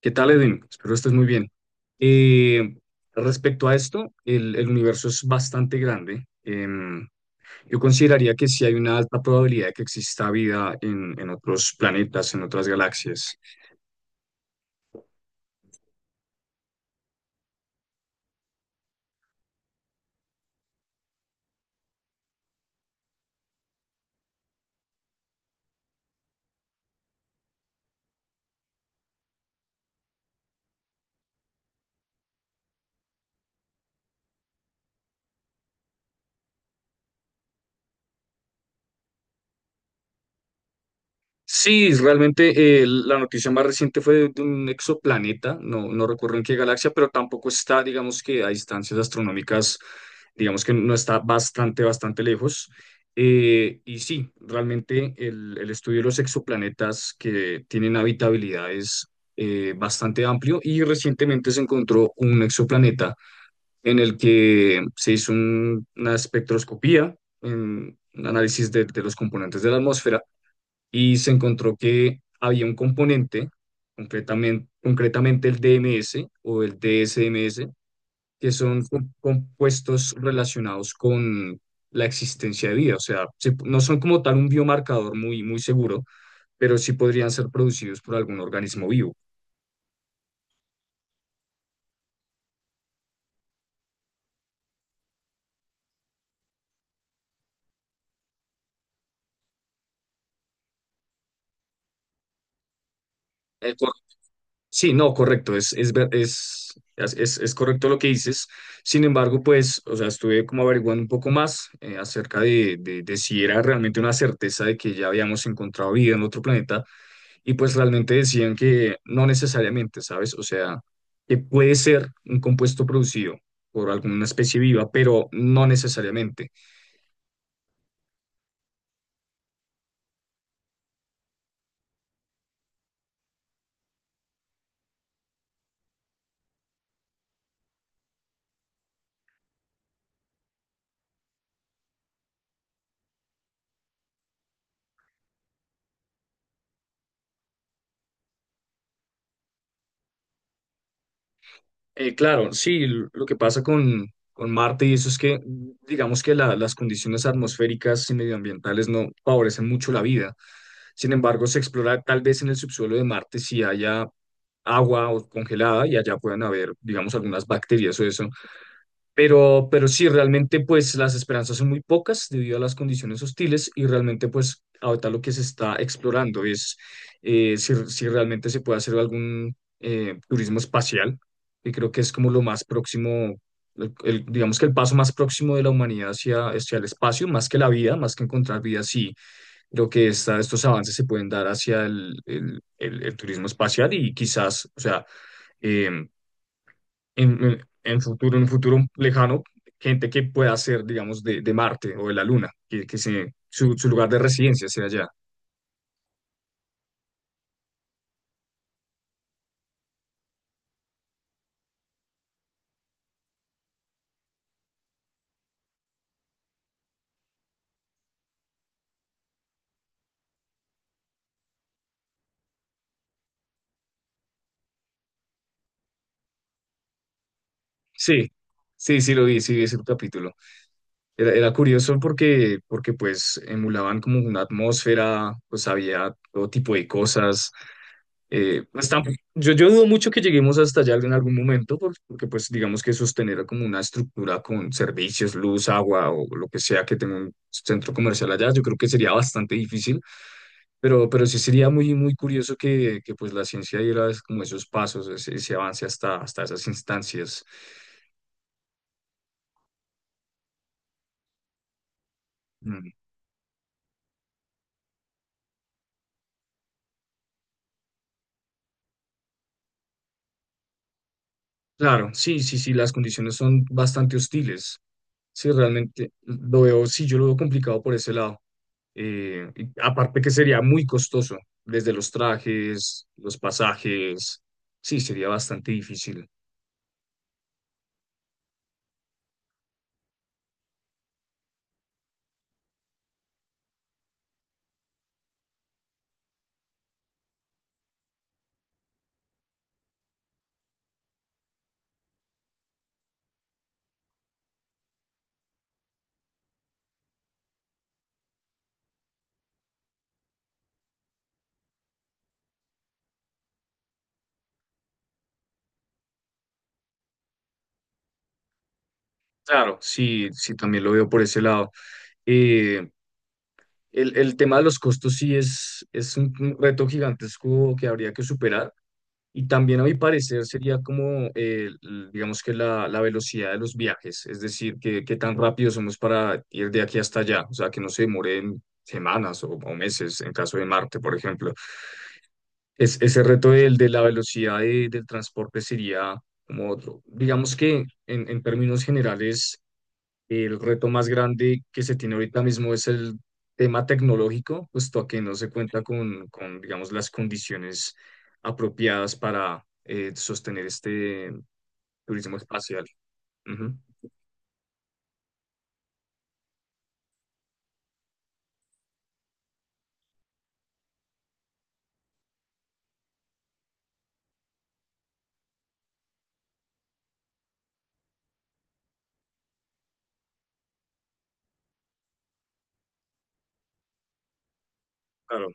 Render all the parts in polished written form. ¿Qué tal, Edwin? Espero estés muy bien. Eh, Respecto a esto, el universo es bastante grande. Yo consideraría que sí hay una alta probabilidad de que exista vida en otros planetas, en otras galaxias. Sí, realmente la noticia más reciente fue de un exoplaneta, no recuerdo en qué galaxia, pero tampoco está, digamos que a distancias astronómicas, digamos que no está bastante lejos. Y sí, realmente el estudio de los exoplanetas que tienen habitabilidad es bastante amplio y recientemente se encontró un exoplaneta en el que se hizo una espectroscopía, en un análisis de los componentes de la atmósfera y se encontró que había un componente, concretamente el DMS o el DSMS, que son compuestos relacionados con la existencia de vida. O sea, se- no son como tal un biomarcador muy seguro, pero sí podrían ser producidos por algún organismo vivo. Sí, no, correcto, ver- es correcto lo que dices. Sin embargo, pues, o sea, estuve como averiguando un poco más acerca de si era realmente una certeza de que ya habíamos encontrado vida en otro planeta y pues realmente decían que no necesariamente, ¿sabes? O sea, que puede ser un compuesto producido por alguna especie viva, pero no necesariamente. Claro, sí, l- lo que pasa con Marte y eso es que, digamos que la- las condiciones atmosféricas y medioambientales no favorecen mucho la vida. Sin embargo, se explora tal vez en el subsuelo de Marte si haya agua o congelada y allá puedan haber, digamos, algunas bacterias o eso. Pero sí, realmente pues las esperanzas son muy pocas debido a las condiciones hostiles y realmente pues ahorita lo que se está explorando es si realmente se puede hacer algún turismo espacial, y creo que es como lo más próximo, digamos que el paso más próximo de la humanidad hacia el espacio, más que la vida, más que encontrar vida, sí, creo que esta- estos avances se pueden dar hacia el turismo espacial y quizás, o sea... em, en, en futuro, en un futuro lejano, gente que pueda ser, digamos, de Marte o de la Luna, que se- su lugar de residencia sea allá. Sí, sí, sí lo vi, sí vi ese capítulo. Era curioso porque, porque pues emulaban como una atmósfera, pues había todo tipo de cosas. Pues, tamp- yo dudo mucho que lleguemos hasta allá en algún momento, por- porque, pues digamos que sostener como una estructura con servicios, luz, agua o lo que sea que tenga un centro comercial allá, yo creo que sería bastante difícil. Pero sí sería muy curioso que pues la ciencia diera es- como esos pasos, ese avance hasta esas instancias. Mm. Claro, sí, sí, sí, las condiciones son bastante hostiles. Sí, realmente lo veo, sí, yo lo veo complicado por ese lado. Y aparte que sería muy costoso, desde los trajes, los pasajes, sí, sería bastante difícil. Claro, sí, sí, también lo veo por ese lado. Eh, el tema de los costos sí es un reto gigantesco que habría que superar. Y también a mi parecer sería como, l- digamos que la velocidad de los viajes, es decir, que, qué tan rápido somos para ir de aquí hasta allá, o sea, que no se demoren semanas o meses en caso de Marte, por ejemplo. Es, ese reto del, de la velocidad de- del transporte sería como otro. Digamos que en términos generales el reto más grande que se tiene ahorita mismo es el tema tecnológico, puesto a que no se cuenta digamos, las condiciones apropiadas para sostener este turismo espacial. Ujú. Claro,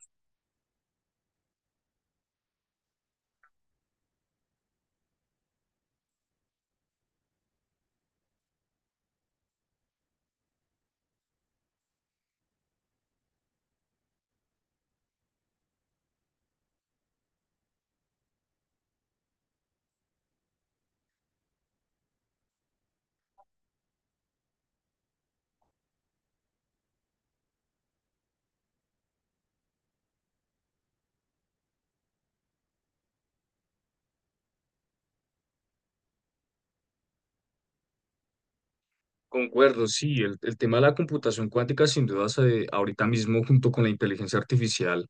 concuerdo, sí, el tema de la computación cuántica, sin duda, se- ahorita mismo, junto con la inteligencia artificial,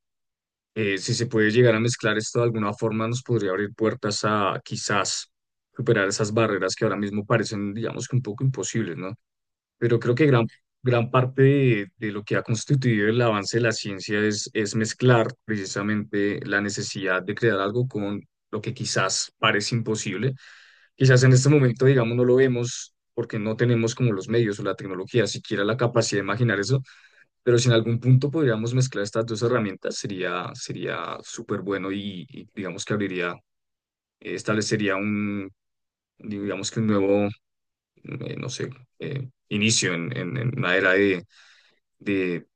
si se puede llegar a mezclar esto de alguna forma, nos podría abrir puertas a quizás superar esas barreras que ahora mismo parecen, digamos, que un poco imposibles, ¿no? Pero creo que gran parte de lo que ha constituido el avance de la ciencia es mezclar precisamente la necesidad de crear algo con lo que quizás parece imposible. Quizás en este momento, digamos, no lo vemos porque no tenemos como los medios o la tecnología, siquiera la capacidad de imaginar eso, pero si en algún punto podríamos mezclar estas dos herramientas, sería súper bueno y digamos que abriría, establecería un, digamos que un nuevo, no sé, inicio en una era de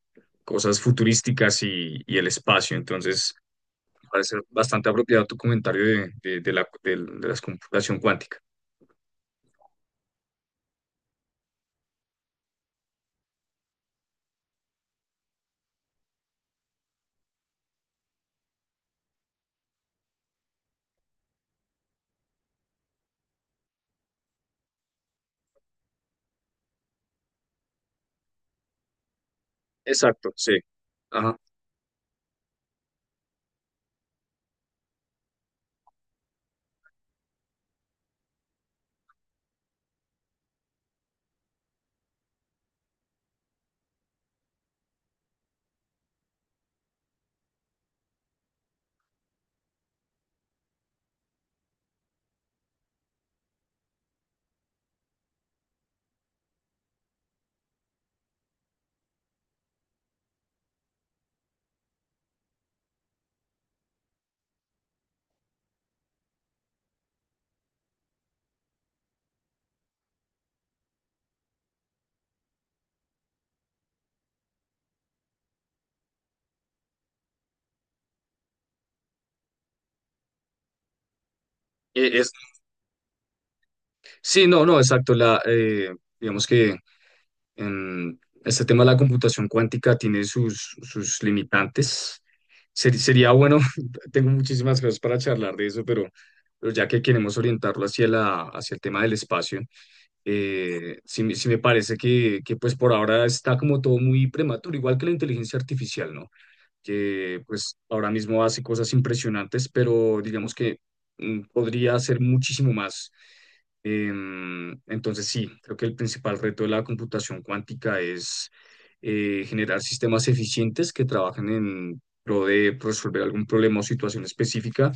cosas futurísticas y el espacio. Entonces, me parece bastante apropiado tu comentario de la, del- de la computación cuántica. Exacto, sí. Ajá. Eh, es- sí, no, no, exacto. La, digamos que en este tema de la computación cuántica tiene sus, sus limitantes. Ser- sería bueno, tengo muchísimas cosas para charlar de eso, pero ya que queremos orientarlo hacia hacia el tema del espacio, sí me parece que pues por ahora está como todo muy prematuro, igual que la inteligencia artificial, ¿no? Que pues ahora mismo hace cosas impresionantes, pero digamos que podría hacer muchísimo más. Entonces sí, creo que el principal reto de la computación cuántica es generar sistemas eficientes que trabajen en pro de resolver algún problema o situación específica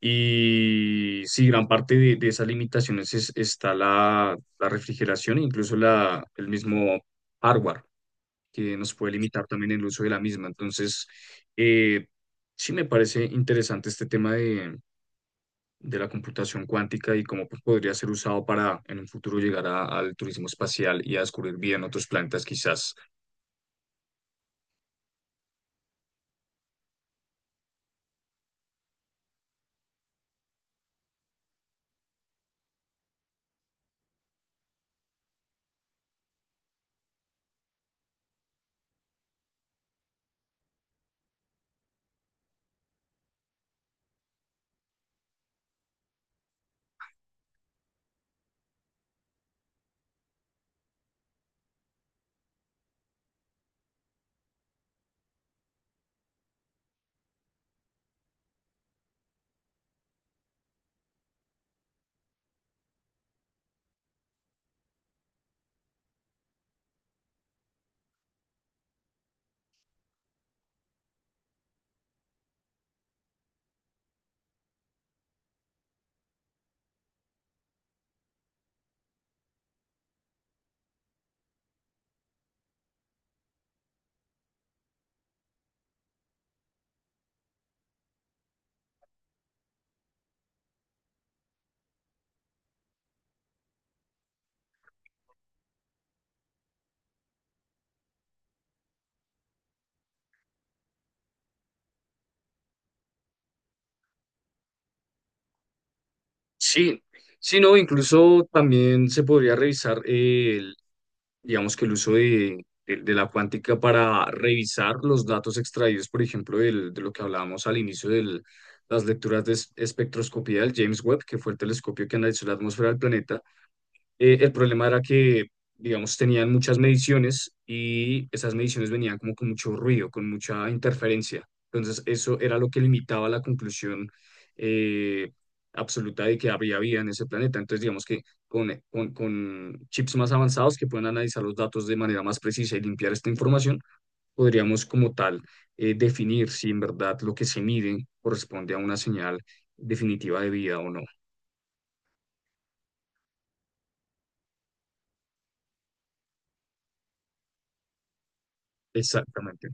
y sí, gran parte de esas limitaciones es- está la refrigeración e incluso la, el mismo hardware que nos puede limitar también el uso de la misma. Entonces, eh, sí me parece interesante este tema de la computación cuántica y cómo pues, podría ser usado para en un futuro llegar a- al turismo espacial y a descubrir vida en otros planetas quizás. Sí, sí, no, incluso también se podría revisar digamos que el uso de la cuántica para revisar los datos extraídos, por ejemplo, del- de lo que hablábamos al inicio de las lecturas de es- espectroscopía del James Webb, que fue el telescopio que analizó la atmósfera del planeta. El problema era que, digamos, tenían muchas mediciones y esas mediciones venían como con mucho ruido, con mucha interferencia. Entonces, eso era lo que limitaba la conclusión eh, absoluta de que había vida en ese planeta. Entonces, digamos que con chips más avanzados que puedan analizar los datos de manera más precisa y limpiar esta información, podríamos como tal definir si en verdad lo que se mide corresponde a una señal definitiva de vida o no. Exactamente.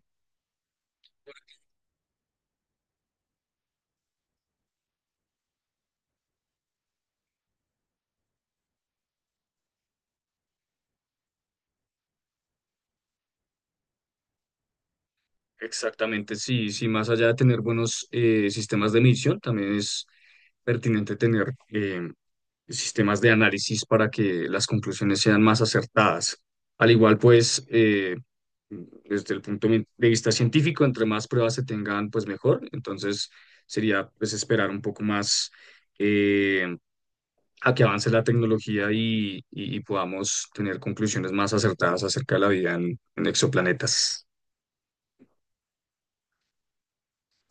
Exactamente, sí, sí, más allá de tener buenos sistemas de medición, también es pertinente tener sistemas de análisis para que las conclusiones sean más acertadas. Al igual, pues, desde el punto de vista científico, entre más pruebas se tengan, pues mejor. Entonces, sería, pues, esperar un poco más eh, a que avance la tecnología y, y podamos tener conclusiones más acertadas acerca de la vida en exoplanetas.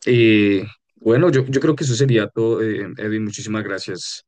Eh, bueno, yo creo que eso sería todo, Edwin. Muchísimas gracias.